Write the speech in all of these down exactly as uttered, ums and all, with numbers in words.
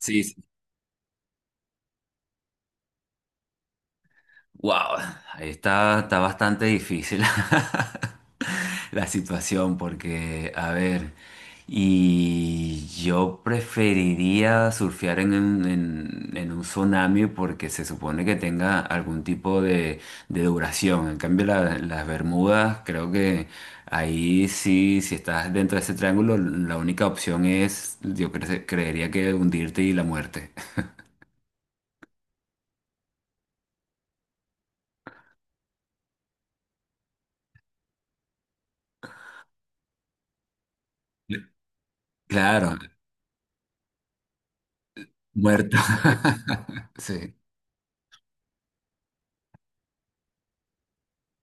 Sí, sí. Wow, ahí está, está bastante difícil la situación porque, a ver, y yo preferiría surfear en, un en- en un tsunami porque se supone que tenga algún tipo de, de duración. En cambio, la- las Bermudas, creo que ahí sí, si estás dentro de ese triángulo, la única opción es, yo cre- creería que hundirte y la muerte. Claro. Muerto. Sí,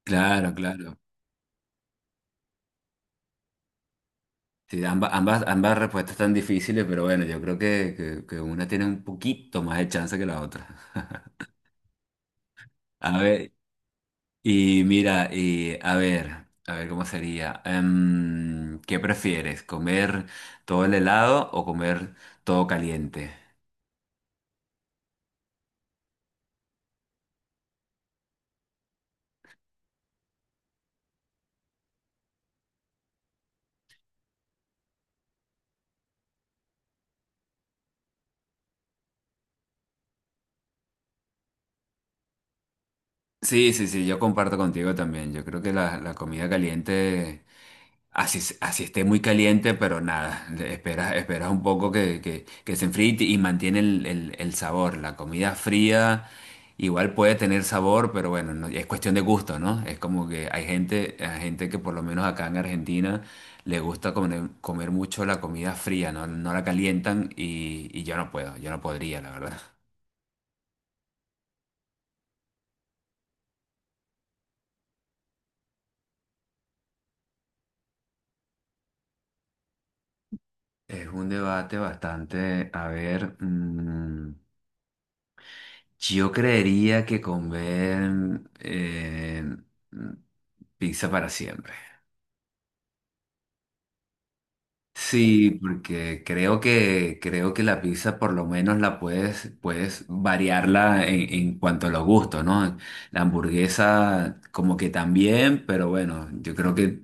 claro, claro. Sí, amba- ambas, ambas respuestas están difíciles, pero bueno, yo creo que, que- que una tiene un poquito más de chance que la otra. A ver, y mira, y a ver, a ver cómo sería. Em, ¿qué prefieres? ¿Comer todo el helado o comer todo caliente? Sí, sí, sí, yo comparto contigo también. Yo creo que la, la comida caliente, así, es- así esté muy caliente, pero nada, le- esperas, esperas un poco que, que- que se enfríe y te- y mantiene el, el- el sabor. La comida fría igual puede tener sabor, pero bueno, no- es cuestión de gusto, ¿no? Es como que hay gente, hay gente que por lo menos acá en Argentina le gusta comer, comer mucho la comida fría, ¿no? No la calientan y, y yo no puedo, yo no podría, la verdad. Es un debate bastante, a ver, mm, yo creería que comer eh, mm, pizza para siempre. Sí, porque creo que, creo que la pizza por lo menos la puedes, puedes variarla en, en cuanto a los gustos, ¿no? La hamburguesa como que también, pero bueno, yo creo que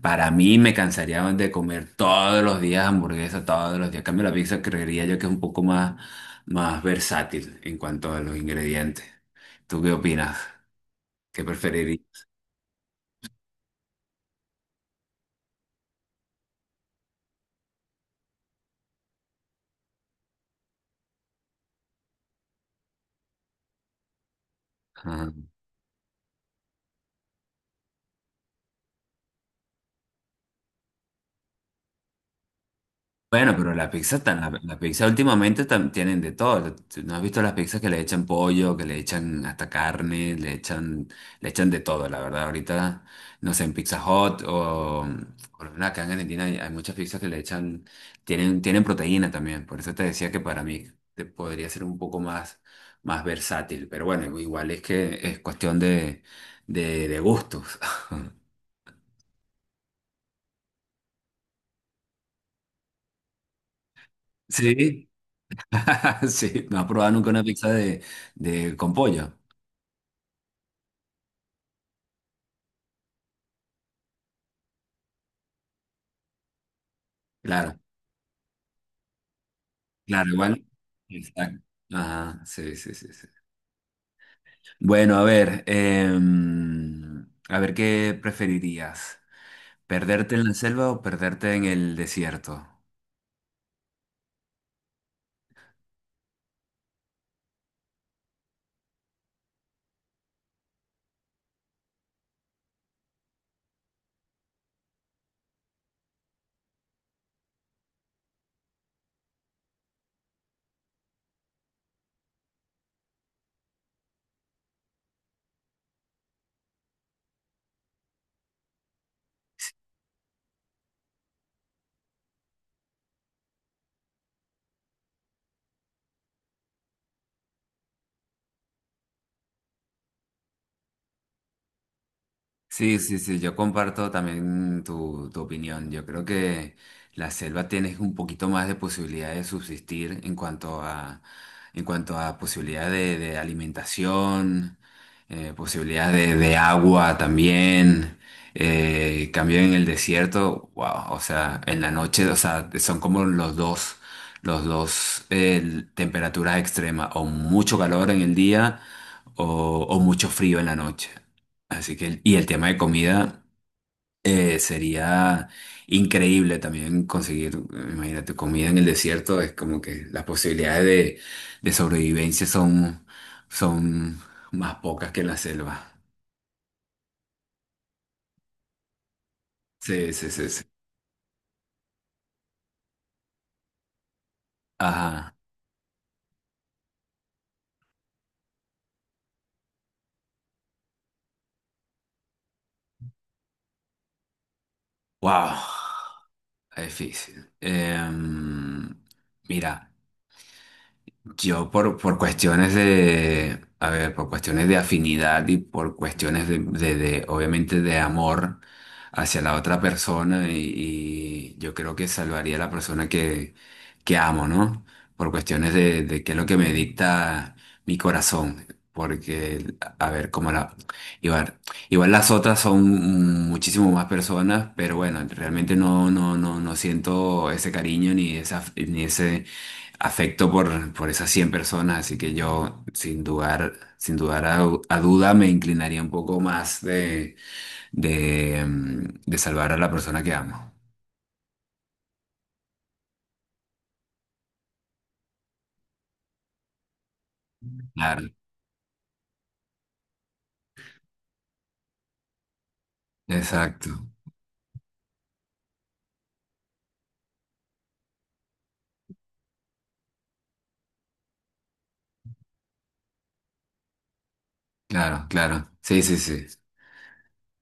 para mí me cansaría de comer todos los días hamburguesa, todos los días. En cambio, la pizza creería yo que es un poco más, más versátil en cuanto a los ingredientes. ¿Tú qué opinas? ¿Qué preferirías? Bueno, pero la pizza, tan, la, la pizza últimamente tam- tienen de todo. ¿Tú ¿No has visto las pizzas que le echan pollo, que le echan hasta carne, le echan, le echan de todo, la verdad? Ahorita, no sé, en Pizza Hut o por lo menos acá en Argentina hay, hay muchas pizzas que le echan, tienen, tienen proteína también. Por eso te decía que para mí te- podría ser un poco más, más versátil. Pero bueno, igual es que es cuestión de, de, de gustos. Sí, sí, no has probado nunca una pizza de, de con pollo. Claro, claro, igual. Exacto. Ajá, sí, sí, sí, sí. Bueno, a ver, em, a ver, ¿qué preferirías? ¿Perderte en la selva o perderte en el desierto? Sí, sí, sí, yo comparto también tu, tu opinión. Yo creo que la selva tiene un poquito más de posibilidad de subsistir en cuanto a, en cuanto a posibilidad de, de alimentación, eh, posibilidad de, de agua también. Eh, cambio en el desierto, wow, o sea, en la noche, o sea, son como los dos, los dos eh, temperaturas extremas, o mucho calor en el día o, o mucho frío en la noche. Así que, el- y el tema de comida eh, sería increíble también conseguir, eh, imagínate, comida en el desierto, es como que las posibilidades de, de sobrevivencia son, son más pocas que en la selva. Sí, sí, sí, sí. Ajá. Wow. Difícil. Em, mira. Yo por, por cuestiones de, a ver, por cuestiones de afinidad y por cuestiones de, de- de, obviamente, de amor hacia la otra persona y, y yo creo que salvaría a la persona que, que amo, ¿no? Por cuestiones de, de qué es lo que me dicta mi corazón, porque, a ver, como la, igual, igual las otras son muchísimo más personas, pero bueno, realmente no, no, no, no siento ese cariño ni esa, ni ese afecto por, por esas cien personas, así que yo sin dudar, sin dudar a, a duda me inclinaría un poco más de, de, mm, de salvar a la persona que amo. Claro, exacto, claro, claro. Sí, sí, sí.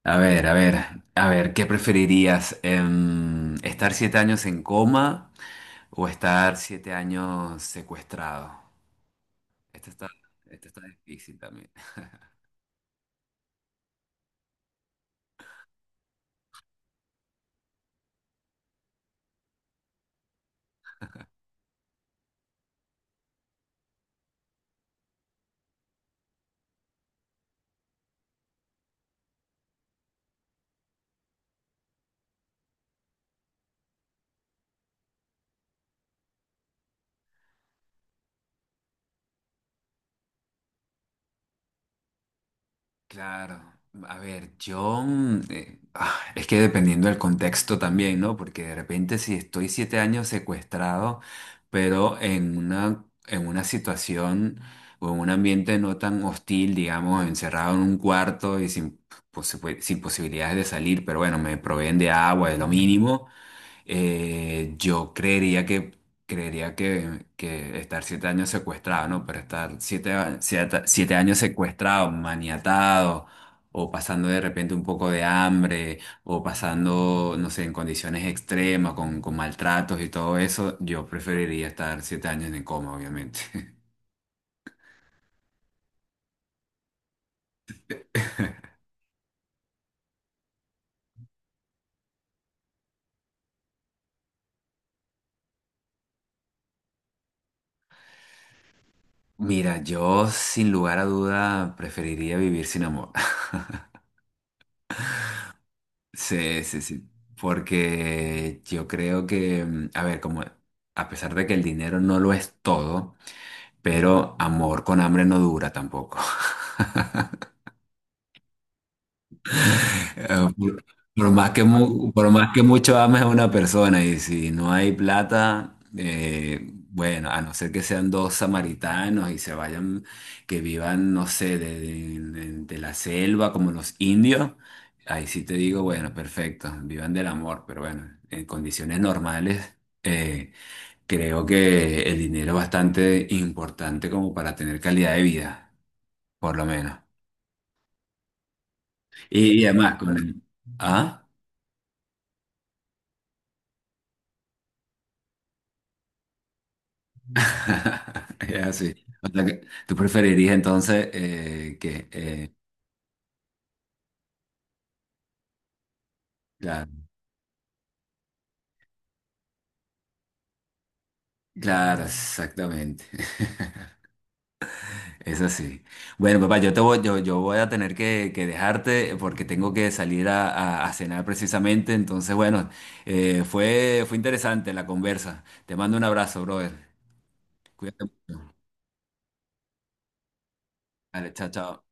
A ver, a ver, a ver, ¿qué preferirías? Em, ¿estar siete años en coma o estar siete años secuestrado? Este está, este está difícil también. Claro, a ver, yo mm, eh, ah, es que dependiendo del contexto también, ¿no? Porque de repente si estoy siete años secuestrado, pero en una, en una situación o en un ambiente no tan hostil, digamos, encerrado en un cuarto y sin, posi- pues, sin posibilidades de salir, pero bueno, me proveen de agua, es lo mínimo. Eh, yo creería que Creería que, que estar siete años secuestrado, ¿no? Pero estar siete, a- siete, siete años secuestrado, maniatado, o pasando de repente un poco de hambre, o pasando, no sé, en condiciones extremas, con, con maltratos y todo eso, yo preferiría estar siete años en coma, obviamente. Mira, yo sin lugar a duda preferiría vivir sin amor. Sí, sí, sí. Porque yo creo que, mm, a ver, como a pesar de que el dinero no lo es todo, pero amor con hambre no dura tampoco. Eh, Por, por más que mu- por más que mucho ames a una persona y si no hay plata, eh, bueno, a no ser que sean dos samaritanos y se vayan, que vivan, no sé, de, de- de- de la selva como los indios, ahí sí te digo, bueno, perfecto, vivan del amor, pero bueno, en condiciones normales. eh, creo que el dinero es bastante importante como para tener calidad de vida, por lo menos. Y, y además, con el. ¿Ah? Es así. O sea, que tú preferirías entonces eh, que... eh, claro, claro, exactamente. Es así. Bueno, papá, yo te voy, yo, yo voy a tener que, que dejarte porque tengo que salir a, a- a cenar precisamente. Entonces, bueno, eh, fue, fue interesante la conversa. Te mando un abrazo, brother. Cuídate mucho. Vale, chao, chao.